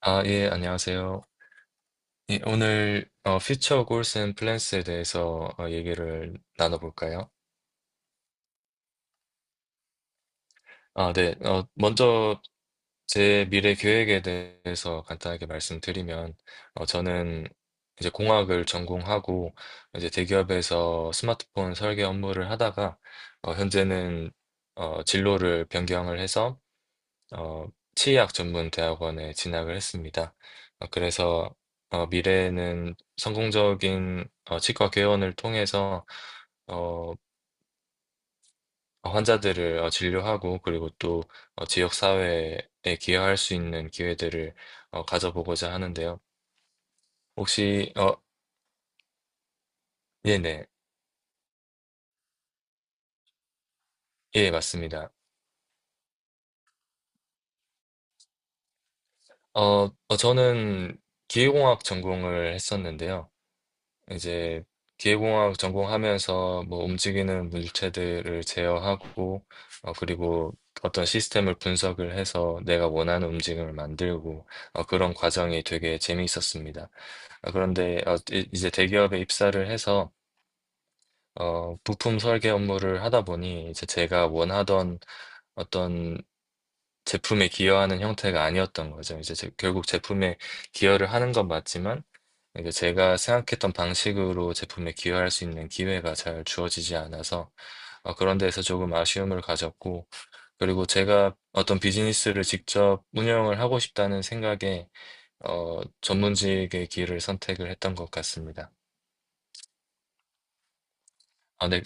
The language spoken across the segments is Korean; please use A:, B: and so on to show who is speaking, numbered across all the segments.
A: 아, 예, 안녕하세요. 예, 오늘 Future Goals and Plans에 대해서 얘기를 나눠볼까요? 아, 네. 먼저 제 미래 계획에 대해서 간단하게 말씀드리면, 저는 이제 공학을 전공하고 이제 대기업에서 스마트폰 설계 업무를 하다가 현재는 진로를 변경을 해서 어, 치의학 전문 대학원에 진학을 했습니다. 그래서 미래에는 성공적인 치과 개원을 통해서 어, 환자들을 진료하고 그리고 또 지역 사회에 기여할 수 있는 기회들을 가져보고자 하는데요. 혹시 네네. 예, 맞습니다. 어, 저는 기계공학 전공을 했었는데요. 이제 기계공학 전공하면서 뭐 움직이는 물체들을 제어하고 그리고 어떤 시스템을 분석을 해서 내가 원하는 움직임을 만들고 그런 과정이 되게 재미있었습니다. 그런데 이제 대기업에 입사를 해서 부품 설계 업무를 하다 보니 이제 제가 원하던 어떤 제품에 기여하는 형태가 아니었던 거죠. 이제 결국 제품에 기여를 하는 건 맞지만 이제 제가 생각했던 방식으로 제품에 기여할 수 있는 기회가 잘 주어지지 않아서 그런 데에서 조금 아쉬움을 가졌고 그리고 제가 어떤 비즈니스를 직접 운영을 하고 싶다는 생각에 전문직의 길을 선택을 했던 것 같습니다. 아, 네,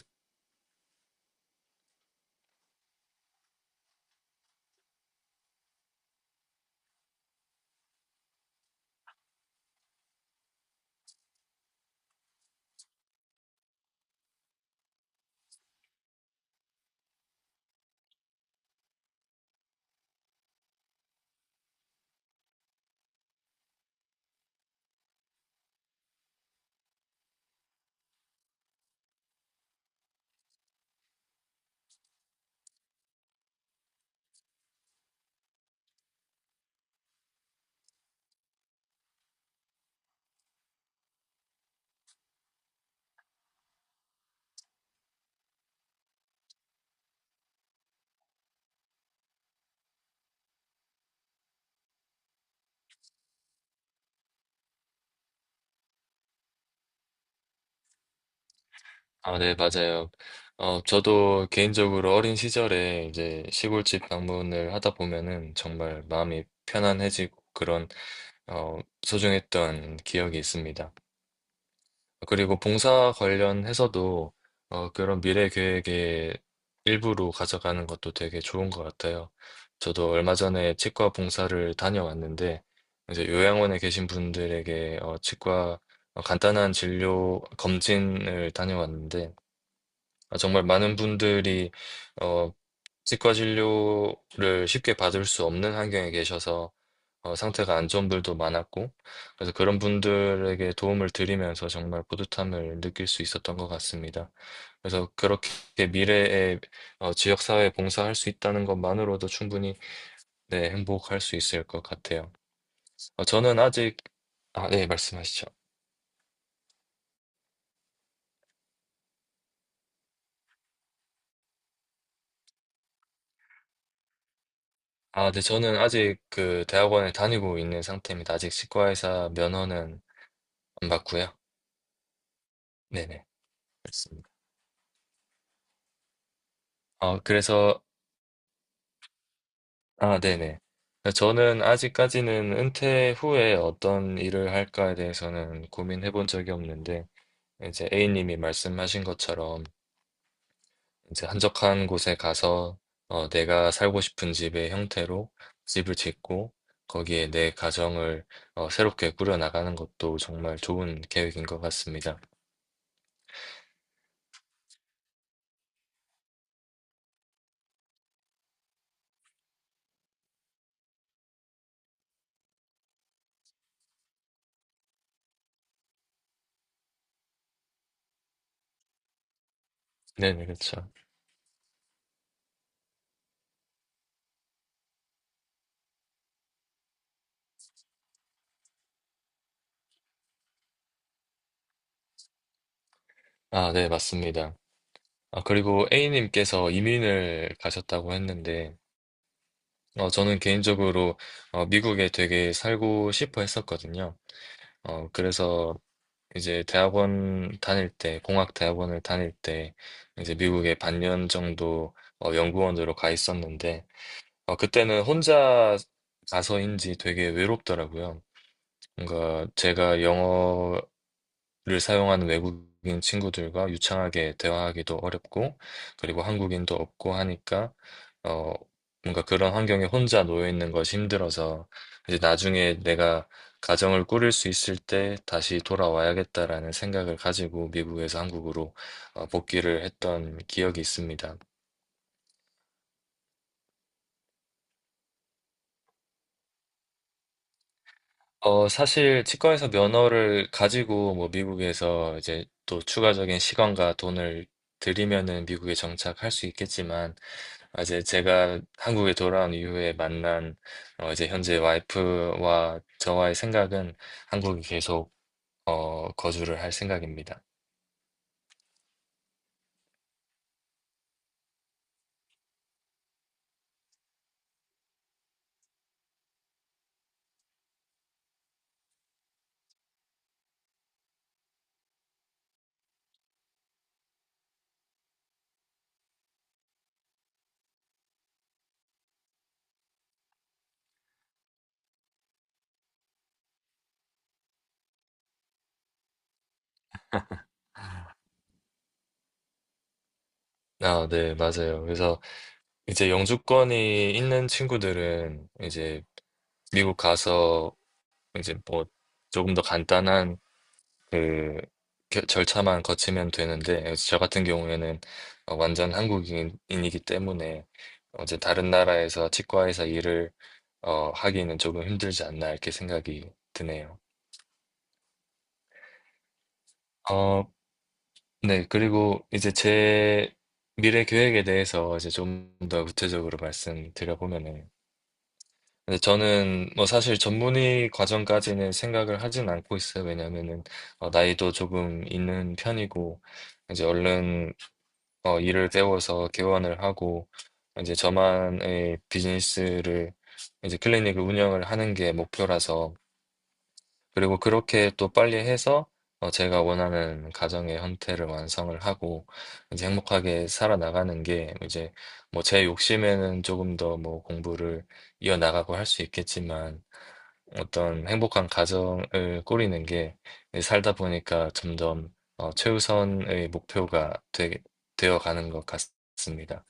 A: 아, 네, 맞아요. 어, 저도 개인적으로 어린 시절에 이제 시골집 방문을 하다 보면은 정말 마음이 편안해지고 그런, 소중했던 기억이 있습니다. 그리고 봉사 관련해서도, 그런 미래 계획의 일부로 가져가는 것도 되게 좋은 것 같아요. 저도 얼마 전에 치과 봉사를 다녀왔는데, 이제 요양원에 계신 분들에게, 어, 치과, 간단한 진료 검진을 다녀왔는데, 아, 정말 많은 분들이 어, 치과 진료를 쉽게 받을 수 없는 환경에 계셔서 상태가 안 좋은 분들도 많았고 그래서 그런 분들에게 도움을 드리면서 정말 뿌듯함을 느낄 수 있었던 것 같습니다. 그래서 그렇게 미래에 지역사회에 봉사할 수 있다는 것만으로도 충분히 네, 행복할 수 있을 것 같아요. 어, 저는 아직 아, 네, 말씀하시죠. 아, 네, 저는 아직 그 대학원에 다니고 있는 상태입니다. 아직 치과의사 면허는 안 받고요. 네네. 알겠습니다. 그래서, 아, 네네. 그러니까 저는 아직까지는 은퇴 후에 어떤 일을 할까에 대해서는 고민해 본 적이 없는데, 이제 A님이 말씀하신 것처럼, 이제 한적한 곳에 가서, 내가 살고 싶은 집의 형태로 집을 짓고, 거기에 내 가정을, 새롭게 꾸려나가는 것도 정말 좋은 계획인 것 같습니다. 네네, 그렇죠. 아, 네, 맞습니다. 아, 그리고 A님께서 이민을 가셨다고 했는데, 저는 개인적으로 미국에 되게 살고 싶어 했었거든요. 그래서 이제 대학원 다닐 때, 공학 대학원을 다닐 때 이제 미국에 반년 정도 연구원으로 가 있었는데 그때는 혼자 가서인지 되게 외롭더라고요. 뭔가 제가 를 사용하는 외국인 친구들과 유창하게 대화하기도 어렵고, 그리고 한국인도 없고 하니까, 어, 뭔가 그런 환경에 혼자 놓여 있는 것이 힘들어서, 이제 나중에 내가 가정을 꾸릴 수 있을 때 다시 돌아와야겠다라는 생각을 가지고 미국에서 한국으로 복귀를 했던 기억이 있습니다. 사실 치과에서 면허를 가지고 뭐 미국에서 이제 또 추가적인 시간과 돈을 들이면은 미국에 정착할 수 있겠지만, 아, 이제 제가 한국에 돌아온 이후에 만난 이제 현재 와이프와 저와의 생각은 한국에 계속 거주를 할 생각입니다. 아, 네, 맞아요. 그래서 이제 영주권이 있는 친구들은 이제 미국 가서 이제 뭐 조금 더 간단한 그 절차만 거치면 되는데 그래서 저 같은 경우에는 완전 한국인이기 때문에 이제 다른 나라에서 치과에서 일을 하기는 조금 힘들지 않나 이렇게 생각이 드네요. 어, 네. 그리고 이제 제 미래 계획에 대해서 이제 좀 더 구체적으로 말씀드려보면은 근데 저는 뭐 사실 전문의 과정까지는 생각을 하진 않고 있어요. 왜냐면은 나이도 조금 있는 편이고 이제 얼른 일을 배워서 개원을 하고 이제 저만의 비즈니스를 이제 클리닉을 운영을 하는 게 목표라서 그리고 그렇게 또 빨리 해서 제가 원하는 가정의 형태를 완성을 하고 이제 행복하게 살아나가는 게 이제 뭐 제 욕심에는 조금 더 뭐 공부를 이어나가고 할 수 있겠지만 어떤 행복한 가정을 꾸리는 게 살다 보니까 점점 최우선의 목표가 되어 가는 것 같습니다.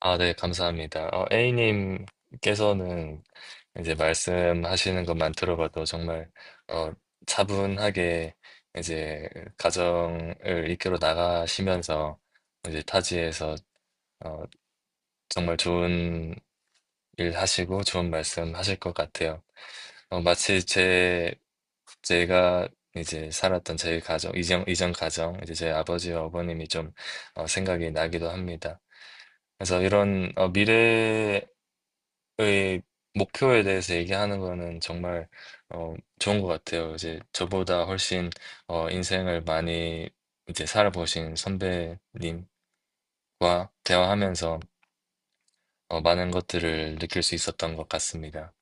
A: 아, 네, 감사합니다. 어, A님께서는 이제 말씀하시는 것만 들어봐도 정말 어, 차분하게 이제 가정을 이끌어 나가시면서 이제 타지에서 어, 정말 좋은 일 하시고 좋은 말씀 하실 것 같아요. 마치 제 제가 이제 살았던 제 가정, 이전 가정, 이제 제 아버지와 어머님이 좀 생각이 나기도 합니다. 그래서 이런 미래 저의 목표에 대해서 얘기하는 거는 정말 어, 좋은 것 같아요. 이제 저보다 훨씬 인생을 많이 이제 살아보신 선배님과 대화하면서 많은 것들을 느낄 수 있었던 것 같습니다.